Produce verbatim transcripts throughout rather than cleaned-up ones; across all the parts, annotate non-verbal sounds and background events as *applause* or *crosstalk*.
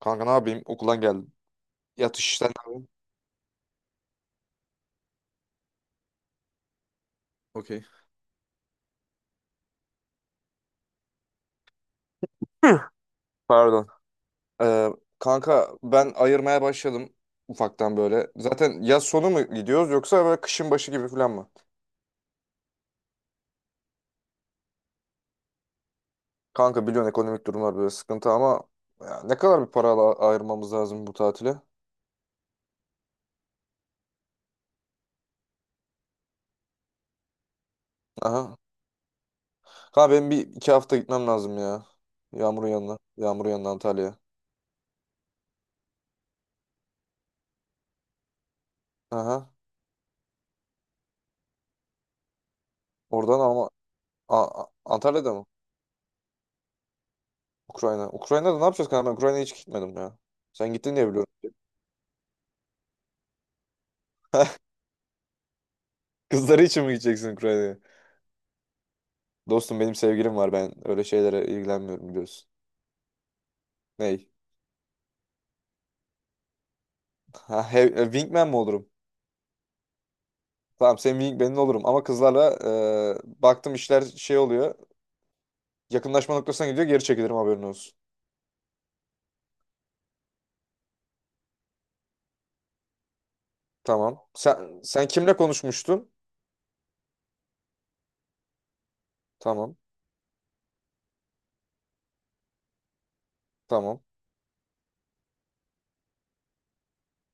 Kanka ne yapayım? Okuldan geldim. Yatış sen ne yapıyorsun? Okey. Hı. Pardon. Ee, kanka ben ayırmaya başladım ufaktan böyle. Zaten yaz sonu mu gidiyoruz yoksa böyle kışın başı gibi falan mı? Kanka biliyorsun ekonomik durumlar böyle sıkıntı ama ya ne kadar bir para ala- ayırmamız lazım bu tatile? Aha. Kanka benim bir iki hafta gitmem lazım ya. Yağmur'un yanına. Yağmur'un yanına Antalya'ya. Aha. Oradan ama A- A- Antalya'da mı? Ukrayna. Ukrayna'da ne yapacağız kanka? Ben Ukrayna'ya hiç gitmedim ya. Sen gittin diye biliyorum. Kızları için mi gideceksin Ukrayna'ya? Dostum benim sevgilim var ben öyle şeylere ilgilenmiyorum biliyorsun. Ney? Ha, he- e, wingman mi olurum? Tamam senin wingman'in olurum ama kızlarla e, baktım işler şey oluyor. Yakınlaşma noktasına gidiyor geri çekilirim haberin olsun. Tamam. Sen, sen kimle konuşmuştun? Tamam. Tamam.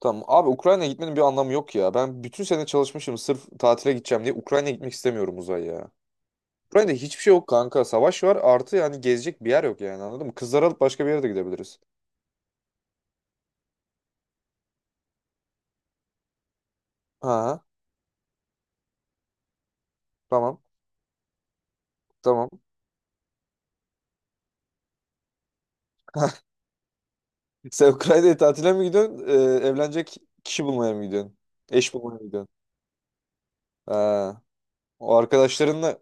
Tamam. Abi Ukrayna'ya gitmenin bir anlamı yok ya. Ben bütün sene çalışmışım sırf tatile gideceğim diye Ukrayna'ya gitmek istemiyorum Uzay ya. Ukrayna'da hiçbir şey yok kanka. Savaş var artı yani gezecek bir yer yok yani anladın mı? Kızları alıp başka bir yere de gidebiliriz. Ha. Tamam. Tamam. *laughs* Sen Ukrayna'ya tatile mi gidiyorsun? Ee, evlenecek kişi bulmaya mı gidiyorsun? Eş bulmaya mı gidiyorsun? Ha, o arkadaşlarınla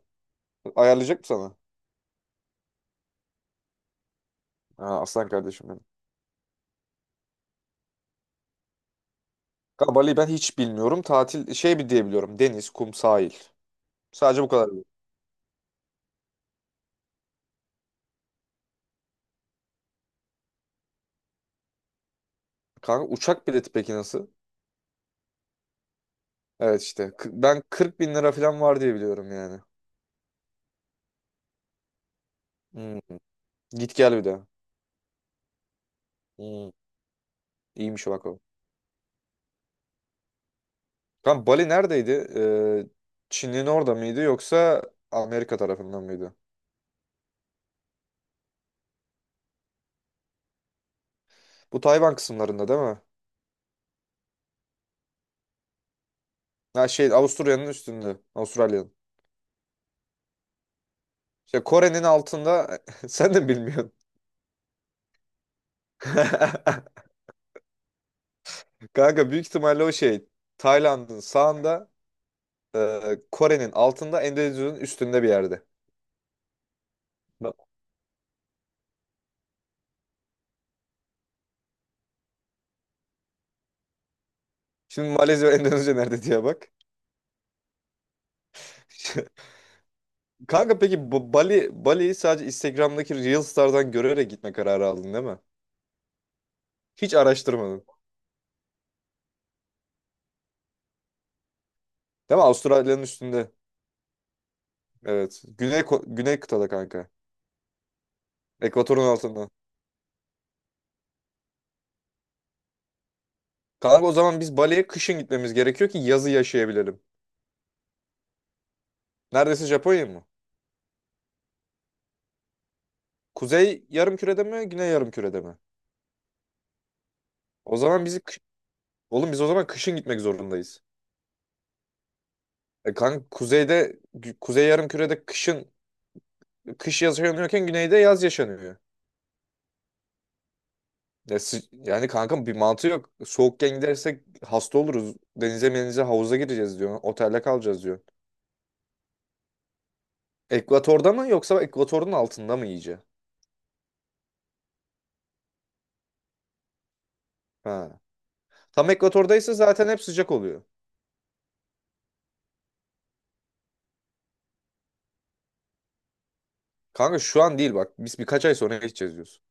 ayarlayacak mı sana? Ha, aslan kardeşim benim. Kanka Bali'yi ben hiç bilmiyorum. Tatil şey bir diyebiliyorum. Deniz, kum, sahil. Sadece bu kadar. Kanka uçak bileti peki nasıl? Evet işte. K- Ben kırk bin lira falan var diye biliyorum yani. Hmm. Git gel bir de. Hmm. İyiymiş bak o. Kanka Bali neredeydi? Ee, Çin'in orada mıydı yoksa Amerika tarafından mıydı? Bu Tayvan kısımlarında değil mi? Ha şey Avusturya'nın üstünde. Avustralya'nın. İşte Kore'nin altında *laughs* sen de bilmiyorsun. *laughs* Kanka büyük ihtimalle o şey Tayland'ın sağında e, Kore'nin altında Endonezya'nın üstünde bir yerde. Bak. Şimdi Malezya ve Endonezya nerede diye bak. *laughs* Kanka peki bu Bali Bali'yi sadece Instagram'daki Reels'lardan görerek gitme kararı aldın değil mi? Hiç araştırmadın. Değil mi? Avustralya'nın üstünde. Evet. Güney ko- Güney kıtada kanka. Ekvatorun altında. Kanka o zaman biz Bali'ye kışın gitmemiz gerekiyor ki yazı yaşayabilelim. Neredeyse Japonya mı? Kuzey yarım kürede mi, güney yarım kürede mi? O zaman bizi kı- oğlum biz o zaman kışın gitmek zorundayız. E kanka kuzeyde gü- kuzey yarım kürede kışın kış yaşanıyorken güneyde yaz yaşanıyor. Ya sı- yani kanka bir mantığı yok. Soğukken gidersek hasta oluruz. Denize menize havuza gireceğiz diyor. Otelde kalacağız diyor. Ekvatorda mı yoksa ekvatorun altında mı iyice? Ha. Tam ekvatordaysa zaten hep sıcak oluyor. Kanka şu an değil bak. Biz birkaç ay sonra gideceğiz diyoruz.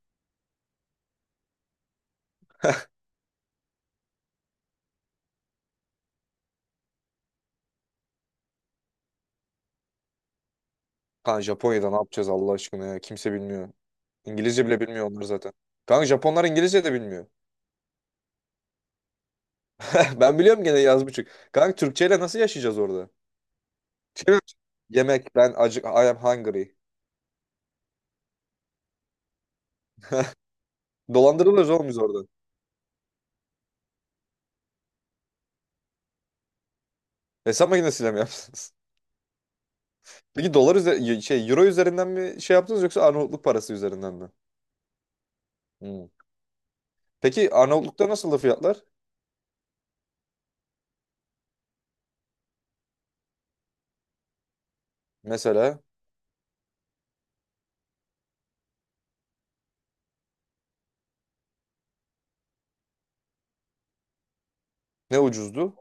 Kanka Japonya'da ne yapacağız Allah aşkına ya. Kimse bilmiyor. İngilizce bile bilmiyor onlar zaten. Kanka Japonlar İngilizce de bilmiyor. *laughs* Ben biliyorum gene yaz buçuk. Kanka Türkçeyle nasıl yaşayacağız orada? Şey mi? Yemek ben acık I am hungry. Dolandırılırız oğlum biz orada. Hesap makinesiyle mi yaptınız? *laughs* Peki dolar üzeri şey euro üzerinden mi şey yaptınız yoksa Arnavutluk parası üzerinden mi? Hmm. Peki Arnavutluk'ta nasıldı fiyatlar? Mesela ne ucuzdu?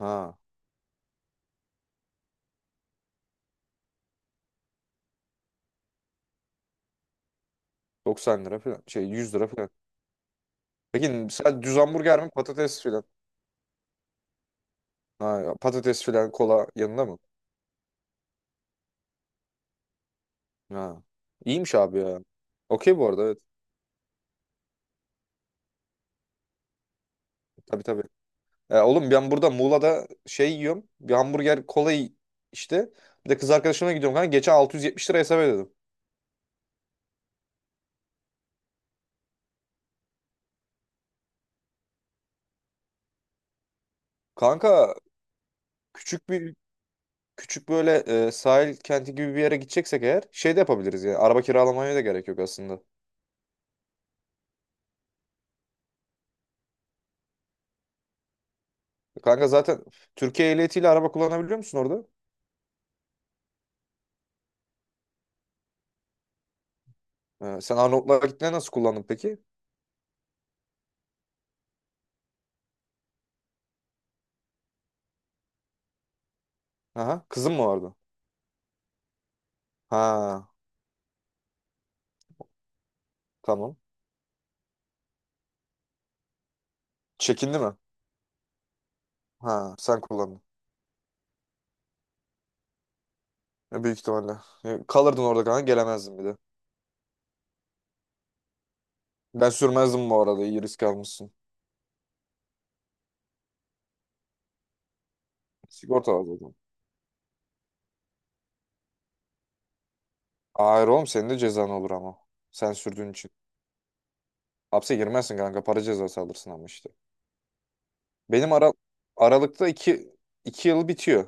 Ha doksan lira falan şey yüz lira. Peki mesela düz hamburger mi patates filan? Ha, patates filan kola yanında mı? Ha. İyiymiş abi ya. Okey bu arada evet. Tabii tabii. E, oğlum ben burada Muğla'da şey yiyorum. Bir hamburger kola işte. Bir de kız arkadaşımla gidiyorum kanka. Geçen altı yüz yetmiş lira hesap ödedim. Kanka küçük bir küçük böyle e, sahil kenti gibi bir yere gideceksek eğer şey de yapabiliriz yani. Araba kiralamaya da gerek yok aslında. Kanka zaten Türkiye ehliyetiyle araba kullanabiliyor musun orada? E, sen Arnavutluğa gittiğinde nasıl kullandın peki? Aha, kızın mı vardı? Ha tamam. Çekindi mi? Ha sen kullandın. E, büyük ihtimalle. E, kalırdın orada kanka gelemezdin bir de. Ben sürmezdim bu arada iyi risk almışsın. Sigorta var zaten. Hayır oğlum senin de cezan olur ama. Sen sürdüğün için. Hapse girmezsin kanka para cezası alırsın ama işte. Benim ara Aralık'ta iki, iki yıl bitiyor.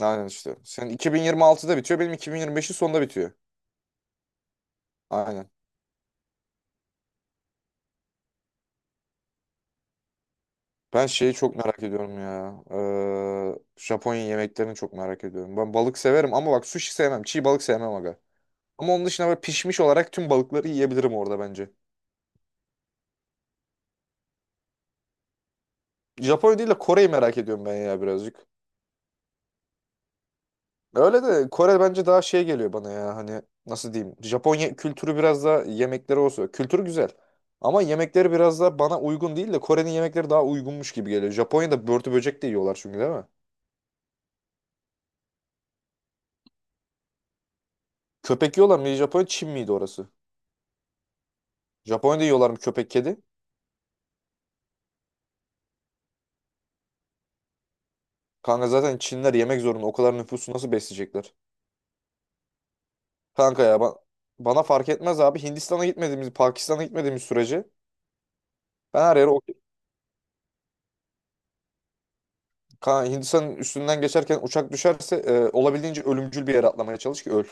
Aynen işte. Senin iki bin yirmi altıda bitiyor benim iki bin yirmi beşin sonunda bitiyor. Aynen. Ben şeyi çok merak ediyorum ya. Ee, Japonya yemeklerini çok merak ediyorum. Ben balık severim ama bak sushi sevmem. Çiğ balık sevmem aga. Ama onun dışında böyle pişmiş olarak tüm balıkları yiyebilirim orada bence. Japonya değil de Kore'yi merak ediyorum ben ya birazcık. Öyle de Kore bence daha şey geliyor bana ya hani nasıl diyeyim. Japonya kültürü biraz daha yemekleri olsa. Kültürü güzel. Ama yemekleri biraz daha bana uygun değil de Kore'nin yemekleri daha uygunmuş gibi geliyor. Japonya'da börtü böcek de yiyorlar çünkü değil mi? Köpek yiyorlar mı? Japonya Çin miydi orası? Japonya'da yiyorlar mı köpek kedi? Kanka zaten Çinliler yemek zorunda. O kadar nüfusu nasıl besleyecekler? Kanka ya ba- Bana fark etmez abi. Hindistan'a gitmediğimiz, Pakistan'a gitmediğimiz sürece ben her yere o. Kanka Hindistan'ın üstünden geçerken uçak düşerse e, olabildiğince ölümcül bir yere atlamaya çalış ki öl.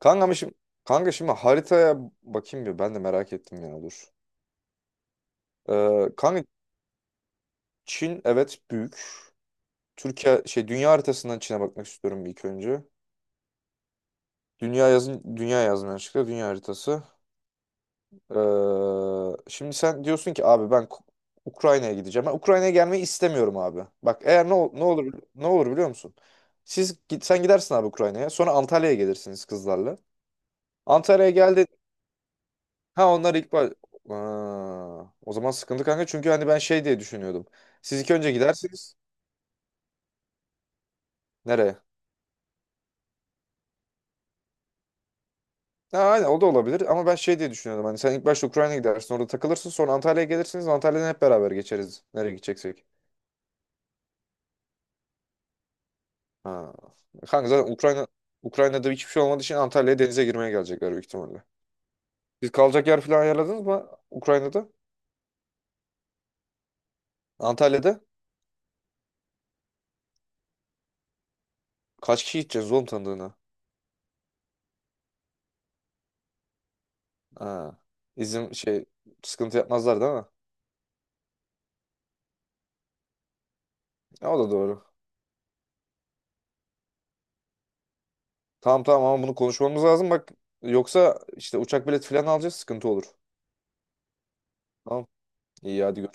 Kanka ama şimdi Kanka şimdi haritaya bakayım bir ben de merak ettim ya dur. Ee, kanka Çin evet büyük. Türkiye şey dünya haritasından Çin'e bakmak istiyorum bir ilk önce. Dünya yazın dünya yazmaya çıktı. Dünya haritası. Ee, şimdi sen diyorsun ki abi ben Ku- Ukrayna'ya gideceğim. Ben Ukrayna'ya gelmeyi istemiyorum abi. Bak eğer ne, ol- ne olur ne olur biliyor musun? Siz git- sen gidersin abi Ukrayna'ya. Sonra Antalya'ya gelirsiniz kızlarla. Antalya'ya geldi. Ha onlar ilk baş... Aa, o zaman sıkıntı kanka çünkü hani ben şey diye düşünüyordum. Siz ilk önce gidersiniz. Nereye? Ha, aynen o da olabilir ama ben şey diye düşünüyordum. Hani sen ilk başta Ukrayna'ya gidersin orada takılırsın sonra Antalya'ya gelirsiniz. Antalya'dan hep beraber geçeriz nereye gideceksek. Ha. Kanka zaten Ukrayna Ukrayna'da hiçbir şey olmadığı için Antalya'ya denize girmeye gelecekler büyük ihtimalle. Siz kalacak yer falan ayarladınız mı Ukrayna'da? Antalya'da? Kaç kişi gideceğiz oğlum tanıdığına? Ha. İzin şey sıkıntı yapmazlar değil mi? Ya, o da doğru. Tamam tamam ama bunu konuşmamız lazım bak. Yoksa işte uçak bileti falan alacağız sıkıntı olur. Tamam. İyi hadi